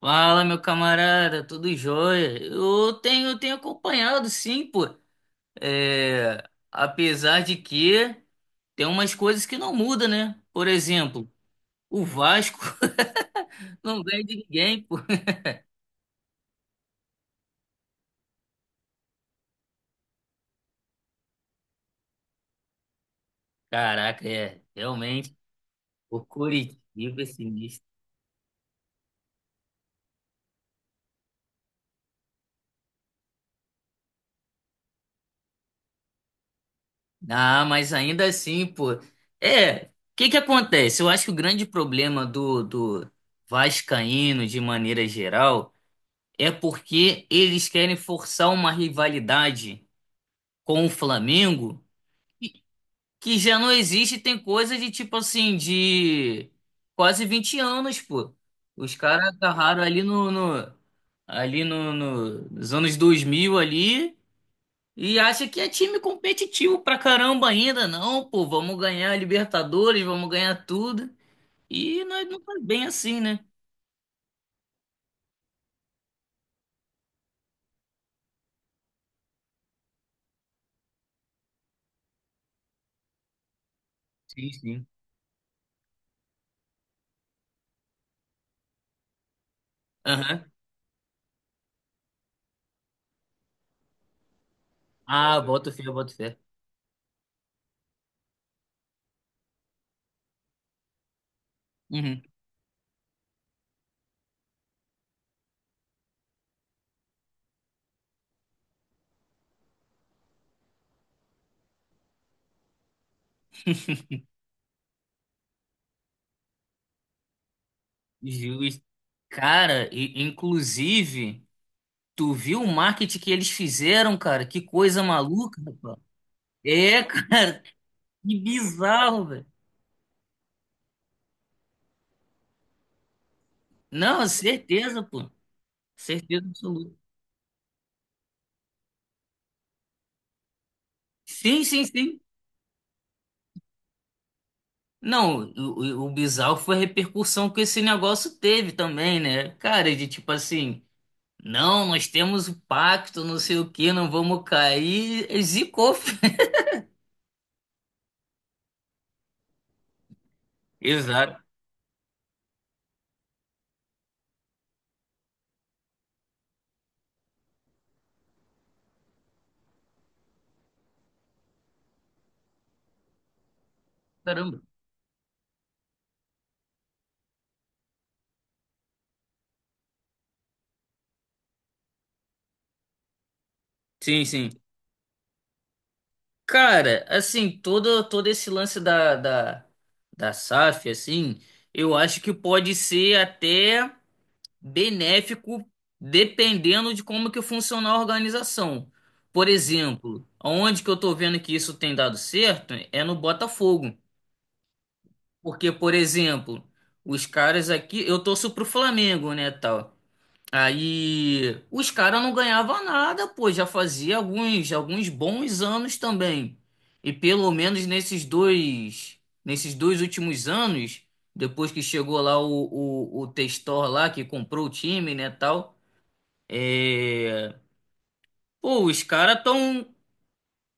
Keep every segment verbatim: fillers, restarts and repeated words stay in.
Fala, meu camarada, tudo jóia? Eu tenho, tenho acompanhado, sim, pô. É, apesar de que tem umas coisas que não mudam, né? Por exemplo, o Vasco não ganha de ninguém, pô. Caraca, é, realmente, o Curitiba é sinistro. Ah, mas ainda assim, pô. É, o que que acontece? Eu acho que o grande problema do, do vascaíno, de maneira geral, é porque eles querem forçar uma rivalidade com o Flamengo que já não existe, tem coisa de tipo assim, de quase vinte anos, pô. Os caras agarraram ali no, no- ali no, no- nos anos dois mil ali e acha que é time competitivo pra caramba ainda, não, pô, vamos ganhar a Libertadores, vamos ganhar tudo. E nós não faz bem assim, né? Sim, sim. Aham. Ah, boto fé, boto fé. Uhum. Justo. Cara, e, inclusive, tu viu o marketing que eles fizeram, cara? Que coisa maluca, pô. É, cara, que bizarro, velho. Não, certeza, pô. Certeza absoluta. Sim, sim, sim. Não, o, o o bizarro foi a repercussão que esse negócio teve também, né? Cara, de tipo assim, não, nós temos o pacto, não sei o que não vamos cair. Zicou. filho. Exato. Caramba. Sim, sim. Cara, assim, todo, todo esse lance da, da, da S A F, assim, eu acho que pode ser até benéfico dependendo de como que funciona a organização. Por exemplo, onde que eu tô vendo que isso tem dado certo é no Botafogo. Porque, por exemplo, os caras aqui, eu torço pro Flamengo, né, tal. Aí os caras não ganhavam nada, pô, já fazia alguns, alguns bons anos também. E pelo menos nesses dois, nesses dois últimos anos, depois que chegou lá o, o, o Testor lá que comprou o time, né, tal, é... pô, os caras tão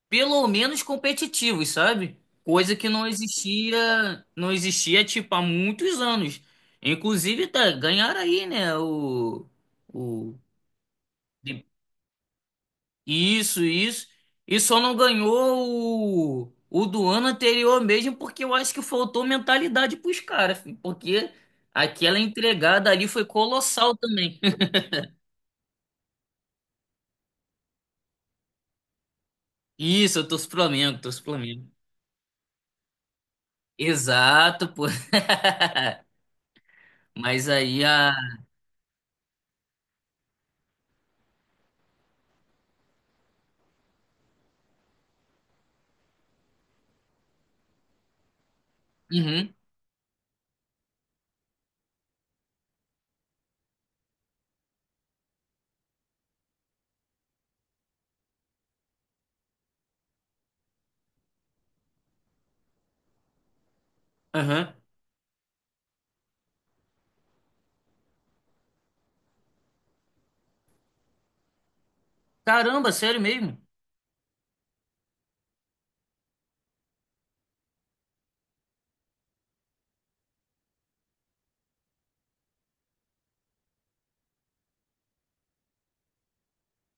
pelo menos competitivos, sabe? Coisa que não existia, não existia tipo há muitos anos. Inclusive, tá, ganharam aí, né, o, o Isso, isso. E só não ganhou o, o do ano anterior mesmo, porque eu acho que faltou mentalidade pros caras, filho, porque aquela entregada ali foi colossal também. Isso, eu torço pro Flamengo, torço pro Flamengo. Exato, pô. Mas aí a. Uhum, aham. Caramba, sério mesmo?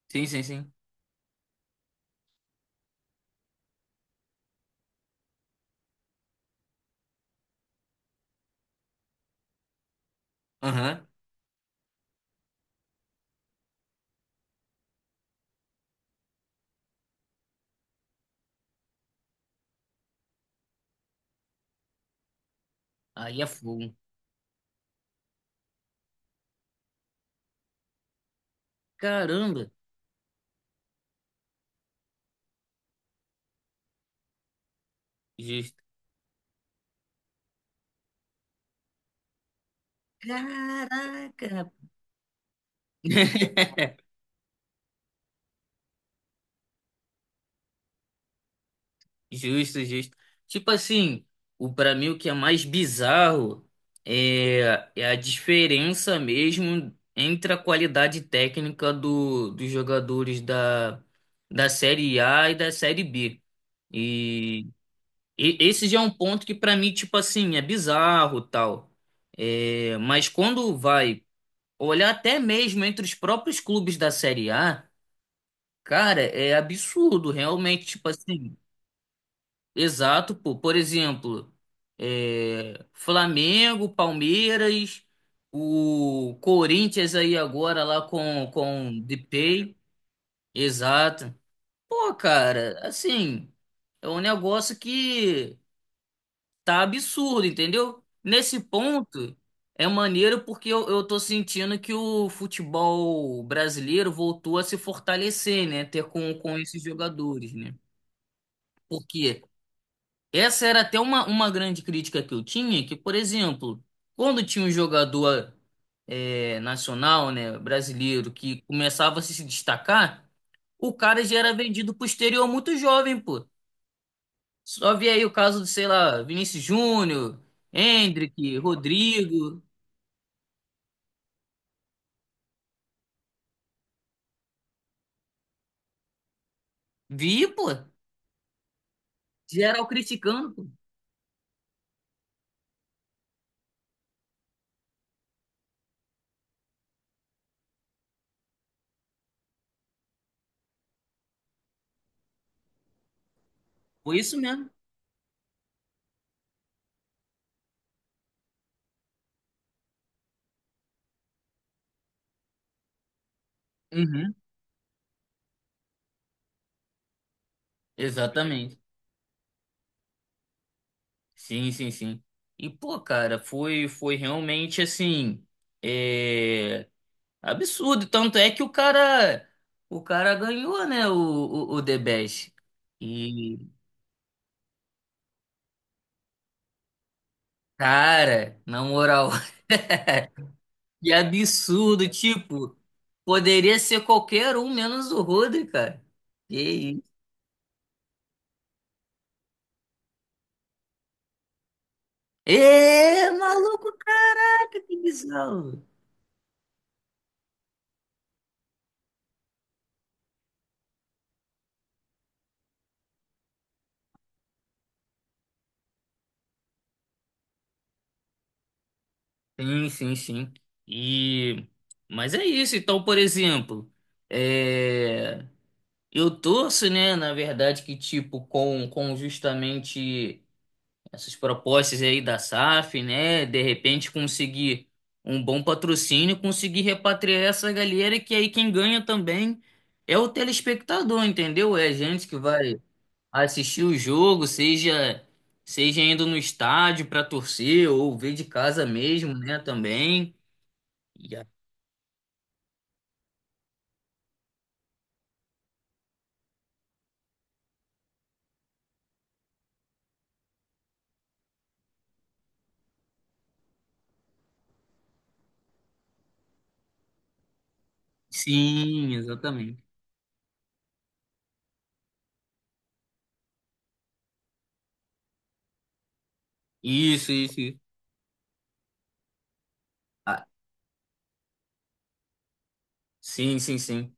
Sim, sim, sim. Aham. Aí é fogo. Caramba. Justo. Caraca. Justo, justo. Tipo assim, o para mim o que é mais bizarro é, é a diferença mesmo entre a qualidade técnica do, dos jogadores da, da Série A e da Série B. E, e esse já é um ponto que para mim, tipo assim, é bizarro, tal. É, mas quando vai olhar até mesmo entre os próprios clubes da Série A, cara, é absurdo, realmente, tipo assim. Exato, pô. Por exemplo, é, Flamengo, Palmeiras, o Corinthians aí agora lá com com Depay. Exato. Pô, cara, assim, é um negócio que tá absurdo, entendeu? Nesse ponto é maneiro porque eu, eu tô sentindo que o futebol brasileiro voltou a se fortalecer, né? Ter com com esses jogadores, né? Porque essa era até uma, uma grande crítica que eu tinha, que, por exemplo, quando tinha um jogador eh, nacional, né, brasileiro, que começava a se destacar, o cara já era vendido pro exterior muito jovem, pô. Só vi aí o caso do, sei lá, Vinícius Júnior, Hendrick, Rodrigo. Vi, pô. Geral criticando, pô. Foi isso mesmo. Uhum. Exatamente. Sim, sim, sim. E, pô, cara, foi, foi realmente assim. é, Absurdo, tanto é que o cara, o cara ganhou, né, o, o, o The Best. E, cara, na moral, que absurdo, tipo, poderia ser qualquer um menos o Rodri, cara. Que isso. É, maluco, caraca, que bizarro. Sim, sim, sim. E, mas é isso, então, por exemplo, é, eu torço, né, na verdade, que, tipo, com, com justamente essas propostas aí da S A F, né? De repente conseguir um bom patrocínio, conseguir repatriar essa galera, que aí quem ganha também é o telespectador, entendeu? É a gente que vai assistir o jogo, seja seja indo no estádio para torcer ou ver de casa mesmo, né, também. E a- Sim, exatamente. Isso, isso, isso. Ah, sim, sim, sim.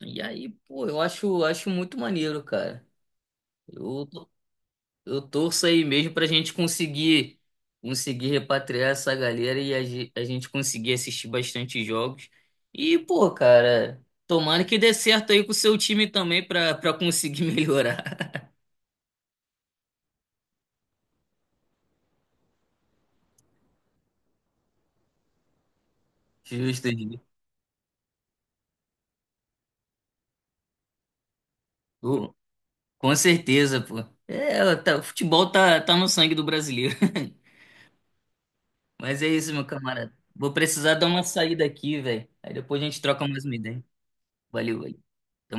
E aí, pô, eu acho, acho muito maneiro, cara. Eu Eu torço aí mesmo pra gente conseguir conseguir repatriar essa galera e a, ge- a gente conseguir assistir bastante jogos. E, pô, cara, tomara que dê certo aí com o seu time também pra, pra conseguir melhorar. Justo, Edgar. Pô, com certeza, pô. É, tá- o futebol tá, tá no sangue do brasileiro. Mas é isso, meu camarada. Vou precisar dar uma saída aqui, velho. Aí depois a gente troca mais uma ideia. Valeu, valeu. Tamo